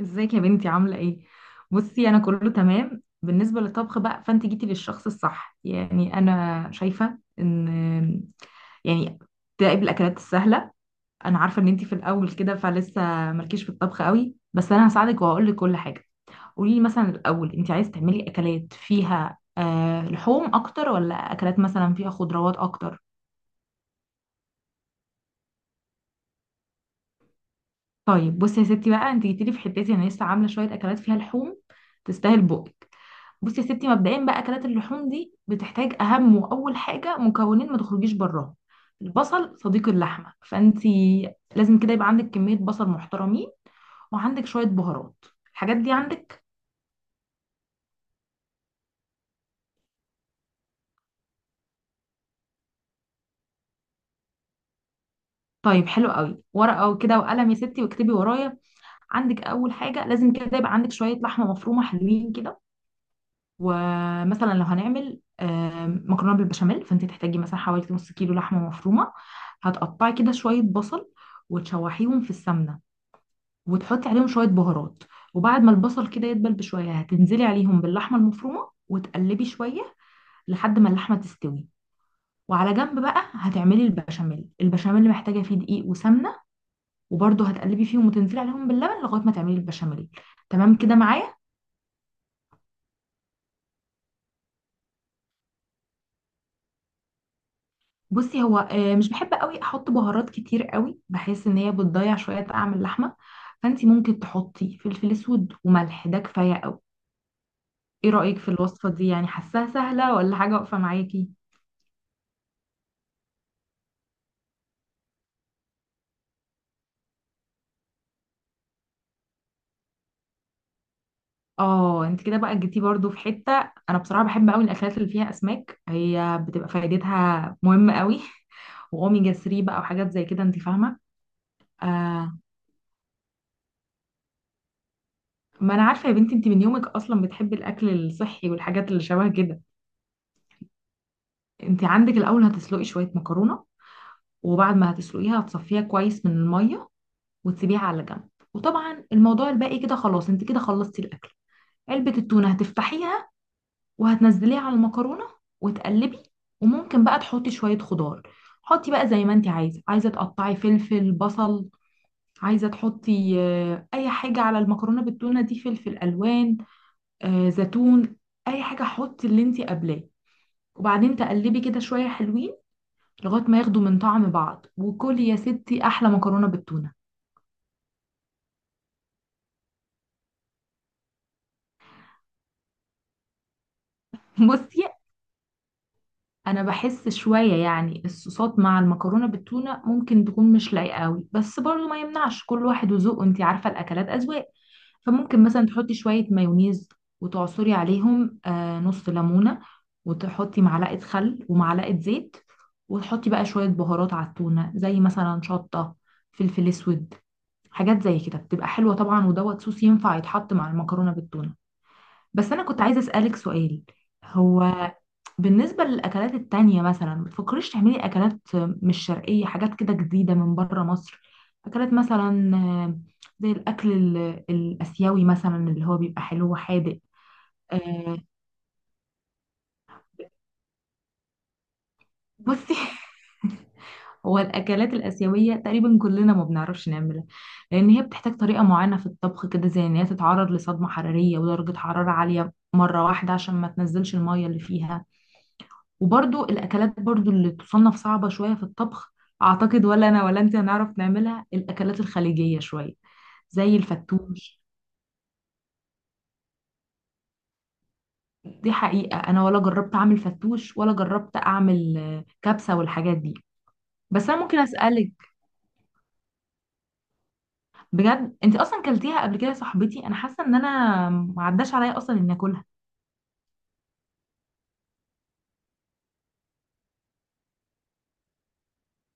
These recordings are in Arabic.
ازيك يا بنتي عاملة ايه؟ بصي انا كله تمام بالنسبة للطبخ بقى، فانت جيتي للشخص الصح. يعني انا شايفة ان يعني تراقب الاكلات السهلة. انا عارفة ان انت في الاول كده فلسه، مالكيش في الطبخ قوي، بس انا هساعدك وهقول لك كل حاجة. قولي لي مثلا الاول، انت عايز تعملي اكلات فيها لحوم اكتر ولا اكلات مثلا فيها خضروات اكتر؟ طيب بصي يا ستي بقى، انت جيتي لي في حتتي. انا لسه عاملة شوية اكلات فيها لحوم، تستاهل بقك. بصي يا ستي، مبدئيا بقى اكلات اللحوم دي بتحتاج اهم واول حاجه مكونين ما تخرجيش براهم. البصل صديق اللحمه، فانتي لازم كده يبقى عندك كميه بصل محترمين وعندك شويه بهارات. الحاجات دي عندك؟ طيب حلو قوي، ورقه كده وقلم يا ستي واكتبي ورايا. عندك اول حاجه لازم كده يبقى عندك شويه لحمه مفرومه حلوين كده. ومثلا لو هنعمل مكرونه بالبشاميل، فانت تحتاجي مثلا حوالي نص كيلو لحمه مفرومه. هتقطعي كده شويه بصل وتشوحيهم في السمنه وتحطي عليهم شوية بهارات. وبعد ما البصل كده يدبل بشوية، هتنزلي عليهم باللحمة المفرومة وتقلبي شوية لحد ما اللحمة تستوي. وعلى جنب بقى هتعملي البشاميل. البشاميل محتاجة فيه دقيق وسمنة، وبرده هتقلبي فيهم وتنزلي عليهم باللبن لغاية ما تعملي البشاميل. تمام كده معايا؟ بصي، هو مش بحب قوي احط بهارات كتير قوي، بحس ان هي بتضيع شوية طعم اللحمة. فانتي ممكن تحطي فلفل اسود وملح، ده كفاية قوي. ايه رأيك في الوصفة دي؟ يعني حاساها سهلة ولا حاجة واقفة معاكي؟ اه، انت كده بقى جيتي برضو في حتة. انا بصراحة بحب قوي الاكلات اللي فيها اسماك، هي بتبقى فايدتها مهمة قوي. واوميجا 3 بقى وحاجات زي كده انت فاهمة. آه، ما انا عارفة يا بنتي انت من يومك اصلا بتحبي الاكل الصحي والحاجات اللي شبه كده. انت عندك الاول هتسلقي شوية مكرونة، وبعد ما هتسلقيها هتصفيها كويس من المية وتسيبيها على جنب. وطبعا الموضوع الباقي كده خلاص، انت كده خلصتي الاكل. علبة التونة هتفتحيها وهتنزليها على المكرونه وتقلبي. وممكن بقى تحطي شويه خضار. حطي بقى زي ما انت عايزه. عايزه تقطعي فلفل بصل، عايزه تحطي اي حاجه على المكرونه بالتونه دي، فلفل الوان، زيتون، اي حاجه حطي اللي انت قبلاه. وبعدين تقلبي كده شويه حلوين لغايه ما ياخدوا من طعم بعض، وكلي يا ستي احلى مكرونه بالتونه. بصي، انا بحس شويه يعني الصوصات مع المكرونه بالتونه ممكن تكون مش لايقه قوي، بس برضو ما يمنعش، كل واحد وذوقه، انت عارفه الاكلات اذواق. فممكن مثلا تحطي شويه مايونيز، وتعصري عليهم نص ليمونه، وتحطي معلقه خل ومعلقه زيت، وتحطي بقى شويه بهارات على التونه زي مثلا شطه، فلفل اسود، حاجات زي كده بتبقى حلوه. طبعا ودوت صوص ينفع يتحط مع المكرونه بالتونه. بس انا كنت عايزه اسالك سؤال. هو بالنسبة للأكلات التانية، مثلا ما تفكريش تعملي أكلات مش شرقية، حاجات كده جديدة من بره مصر؟ أكلات مثلا زي الأكل الآسيوي مثلا اللي هو بيبقى حلو وحادق. آه، بصي، هو الأكلات الآسيوية تقريبا كلنا ما بنعرفش نعملها، لأن هي بتحتاج طريقة معينة في الطبخ كده، زي إن هي تتعرض لصدمة حرارية ودرجة حرارة عالية مرة واحدة عشان ما تنزلش المية اللي فيها. وبرضو الاكلات اللي تصنف صعبة شوية في الطبخ، اعتقد ولا انا ولا انت هنعرف نعملها. الاكلات الخليجية شوية زي الفتوش، دي حقيقة انا ولا جربت اعمل فتوش ولا جربت اعمل كبسة والحاجات دي. بس انا ممكن اسالك، بجد انت اصلا كلتيها قبل كده يا صاحبتي؟ انا حاسه ان انا ما عداش عليا اصلا اني اكلها.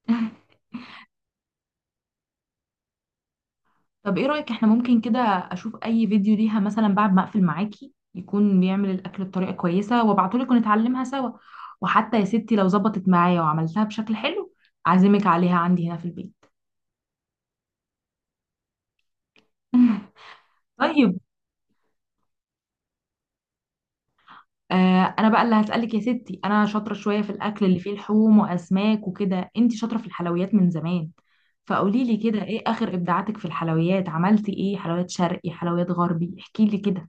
طب ايه رأيك، احنا ممكن كده اشوف اي فيديو ليها مثلا بعد ما اقفل معاكي، يكون بيعمل الاكل بطريقة كويسة وابعتهولك ونتعلمها سوا. وحتى يا ستي لو ظبطت معايا وعملتها بشكل حلو، اعزمك عليها عندي هنا في البيت. طيب. انا بقى اللي هسألك يا ستي. انا شاطرة شوية في الاكل اللي فيه لحوم واسماك وكده، انتي شاطرة في الحلويات من زمان. فقولي لي كده، ايه اخر ابداعاتك في الحلويات؟ عملتي ايه؟ حلويات شرقي، حلويات غربي، احكي لي كده.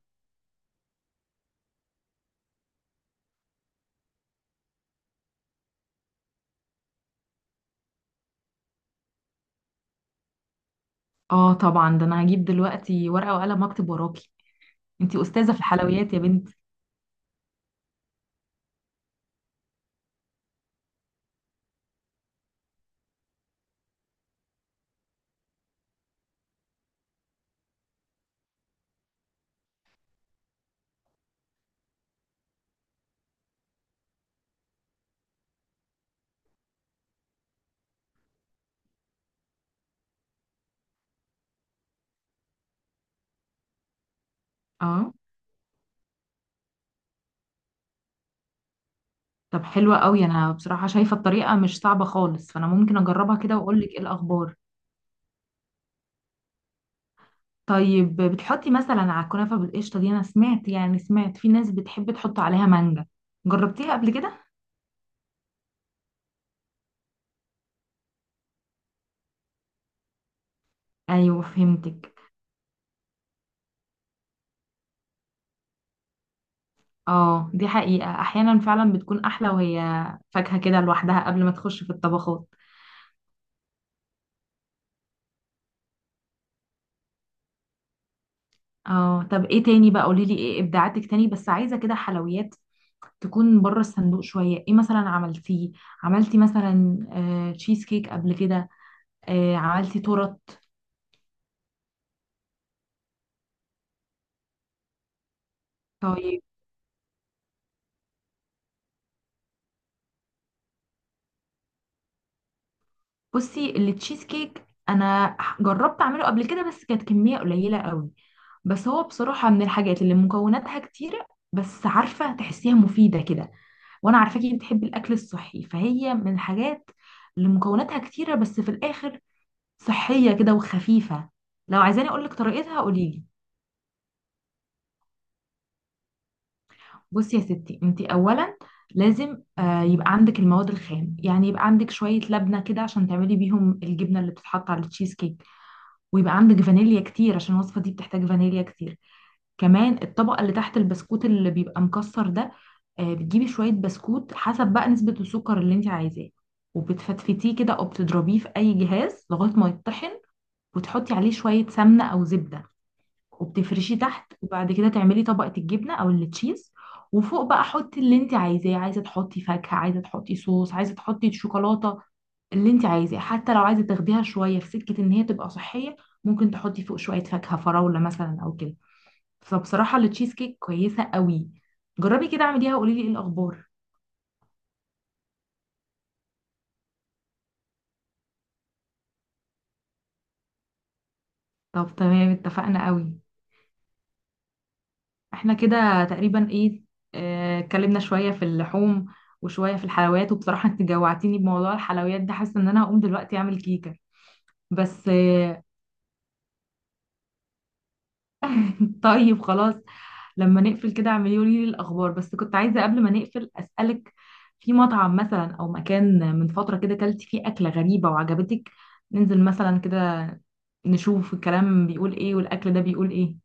اه طبعا، ده انا هجيب دلوقتي ورقة وقلم واكتب وراكي. انتي استاذه في الحلويات يا بنتي. اه، طب حلوه قوي. انا بصراحه شايفه الطريقه مش صعبه خالص، فانا ممكن اجربها كده واقول لك ايه الاخبار. طيب بتحطي مثلا على الكنافه بالقشطه دي؟ انا سمعت، يعني سمعت في ناس بتحب تحط عليها مانجا، جربتيها قبل كده؟ ايوه فهمتك. اه، دي حقيقه احيانا فعلا بتكون احلى وهي فاكهه كده لوحدها قبل ما تخش في الطبخات. اه طب ايه تاني بقى، قولي لي ايه ابداعاتك تاني، بس عايزه كده حلويات تكون بره الصندوق شوية. ايه مثلا عملتيه؟ عملتي مثلا تشيز كيك قبل كده؟ عملتي تورت؟ طيب بصي، التشيز كيك انا جربت اعمله قبل كده بس كانت كمية قليلة قوي. بس هو بصراحة من الحاجات اللي مكوناتها كتيرة، بس عارفة تحسيها مفيدة كده، وانا عارفاكي بتحبي الاكل الصحي، فهي من الحاجات اللي مكوناتها كتيرة بس في الاخر صحية كده وخفيفة. لو عايزاني اقولك طريقتها قوليلي. بصي يا ستي، انت اولا لازم يبقى عندك المواد الخام. يعني يبقى عندك شويه لبنه كده عشان تعملي بيهم الجبنه اللي بتتحط على التشيز كيك، ويبقى عندك فانيليا كتير عشان الوصفه دي بتحتاج فانيليا كتير. كمان الطبقه اللي تحت، البسكوت اللي بيبقى مكسر ده، بتجيبي شويه بسكوت حسب بقى نسبه السكر اللي انت عايزاه، وبتفتفتيه كده او بتضربيه في اي جهاز لغايه ما يطحن، وتحطي عليه شويه سمنه او زبده وبتفرشيه تحت، وبعد كده تعملي طبقة الجبنة او التشيز. وفوق بقى حطي اللي انت عايزاه، عايزة تحطي فاكهة، عايزة تحطي صوص، عايزة تحطي شوكولاتة، اللي انت عايزاه. حتى لو عايزة تاخديها شوية في سكة ان هي تبقى صحية، ممكن تحطي فوق شوية فاكهة، فراولة مثلا او كده. فبصراحة التشيز كيك كويسة قوي، جربي كده اعمليها وقولي لي ايه الاخبار. طب تمام، اتفقنا قوي. احنا كده تقريبا ايه، اتكلمنا شوية في اللحوم وشوية في الحلويات. وبصراحة انت جوعتيني بموضوع الحلويات ده، حاسة ان انا هقوم دلوقتي اعمل كيكة. بس طيب خلاص، لما نقفل كده اعملي لي الاخبار. بس كنت عايزة قبل ما نقفل اسألك، في مطعم مثلا او مكان من فترة كده كلتي فيه اكلة غريبة وعجبتك؟ ننزل مثلا كده نشوف الكلام بيقول ايه والاكل ده بيقول ايه.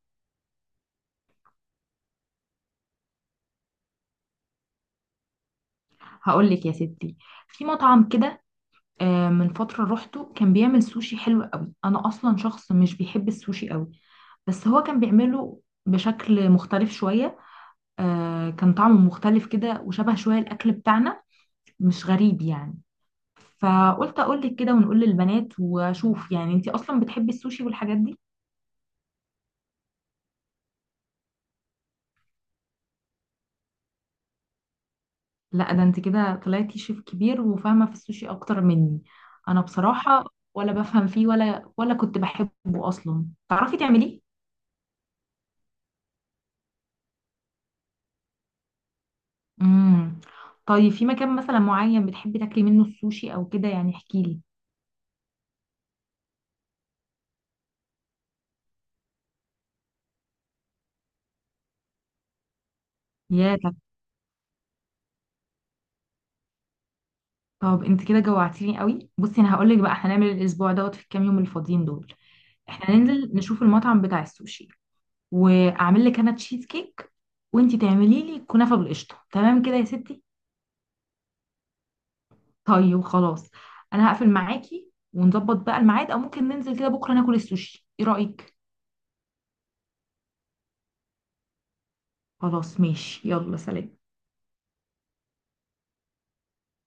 هقول لك يا ستي، في مطعم كده من فترة روحته كان بيعمل سوشي حلو قوي. أنا أصلا شخص مش بيحب السوشي قوي، بس هو كان بيعمله بشكل مختلف شوية. كان طعمه مختلف كده وشبه شوية الأكل بتاعنا، مش غريب يعني. فقلت أقولك كده ونقول للبنات وأشوف. يعني أنتي أصلا بتحبي السوشي والحاجات دي؟ لا، ده أنت كده طلعتي شيف كبير وفاهمة في السوشي أكتر مني. أنا بصراحة ولا بفهم فيه ولا كنت بحبه أصلا. تعرفي تعمليه؟ امم طيب، في مكان مثلا معين بتحبي تاكلي منه السوشي او كده يعني، احكي لي. يا طب طب انت كده جوعتيني قوي. بصي انا هقول لك بقى، احنا هنعمل الاسبوع دوت في الكام يوم الفاضيين دول، احنا ننزل نشوف المطعم بتاع السوشي، واعمل لك انا تشيز كيك، وانت تعملي لي كنافه بالقشطه، تمام كده يا ستي؟ طيب خلاص، انا هقفل معاكي ونظبط بقى الميعاد، او ممكن ننزل كده بكره ناكل السوشي، ايه رايك؟ خلاص ماشي، يلا سلام.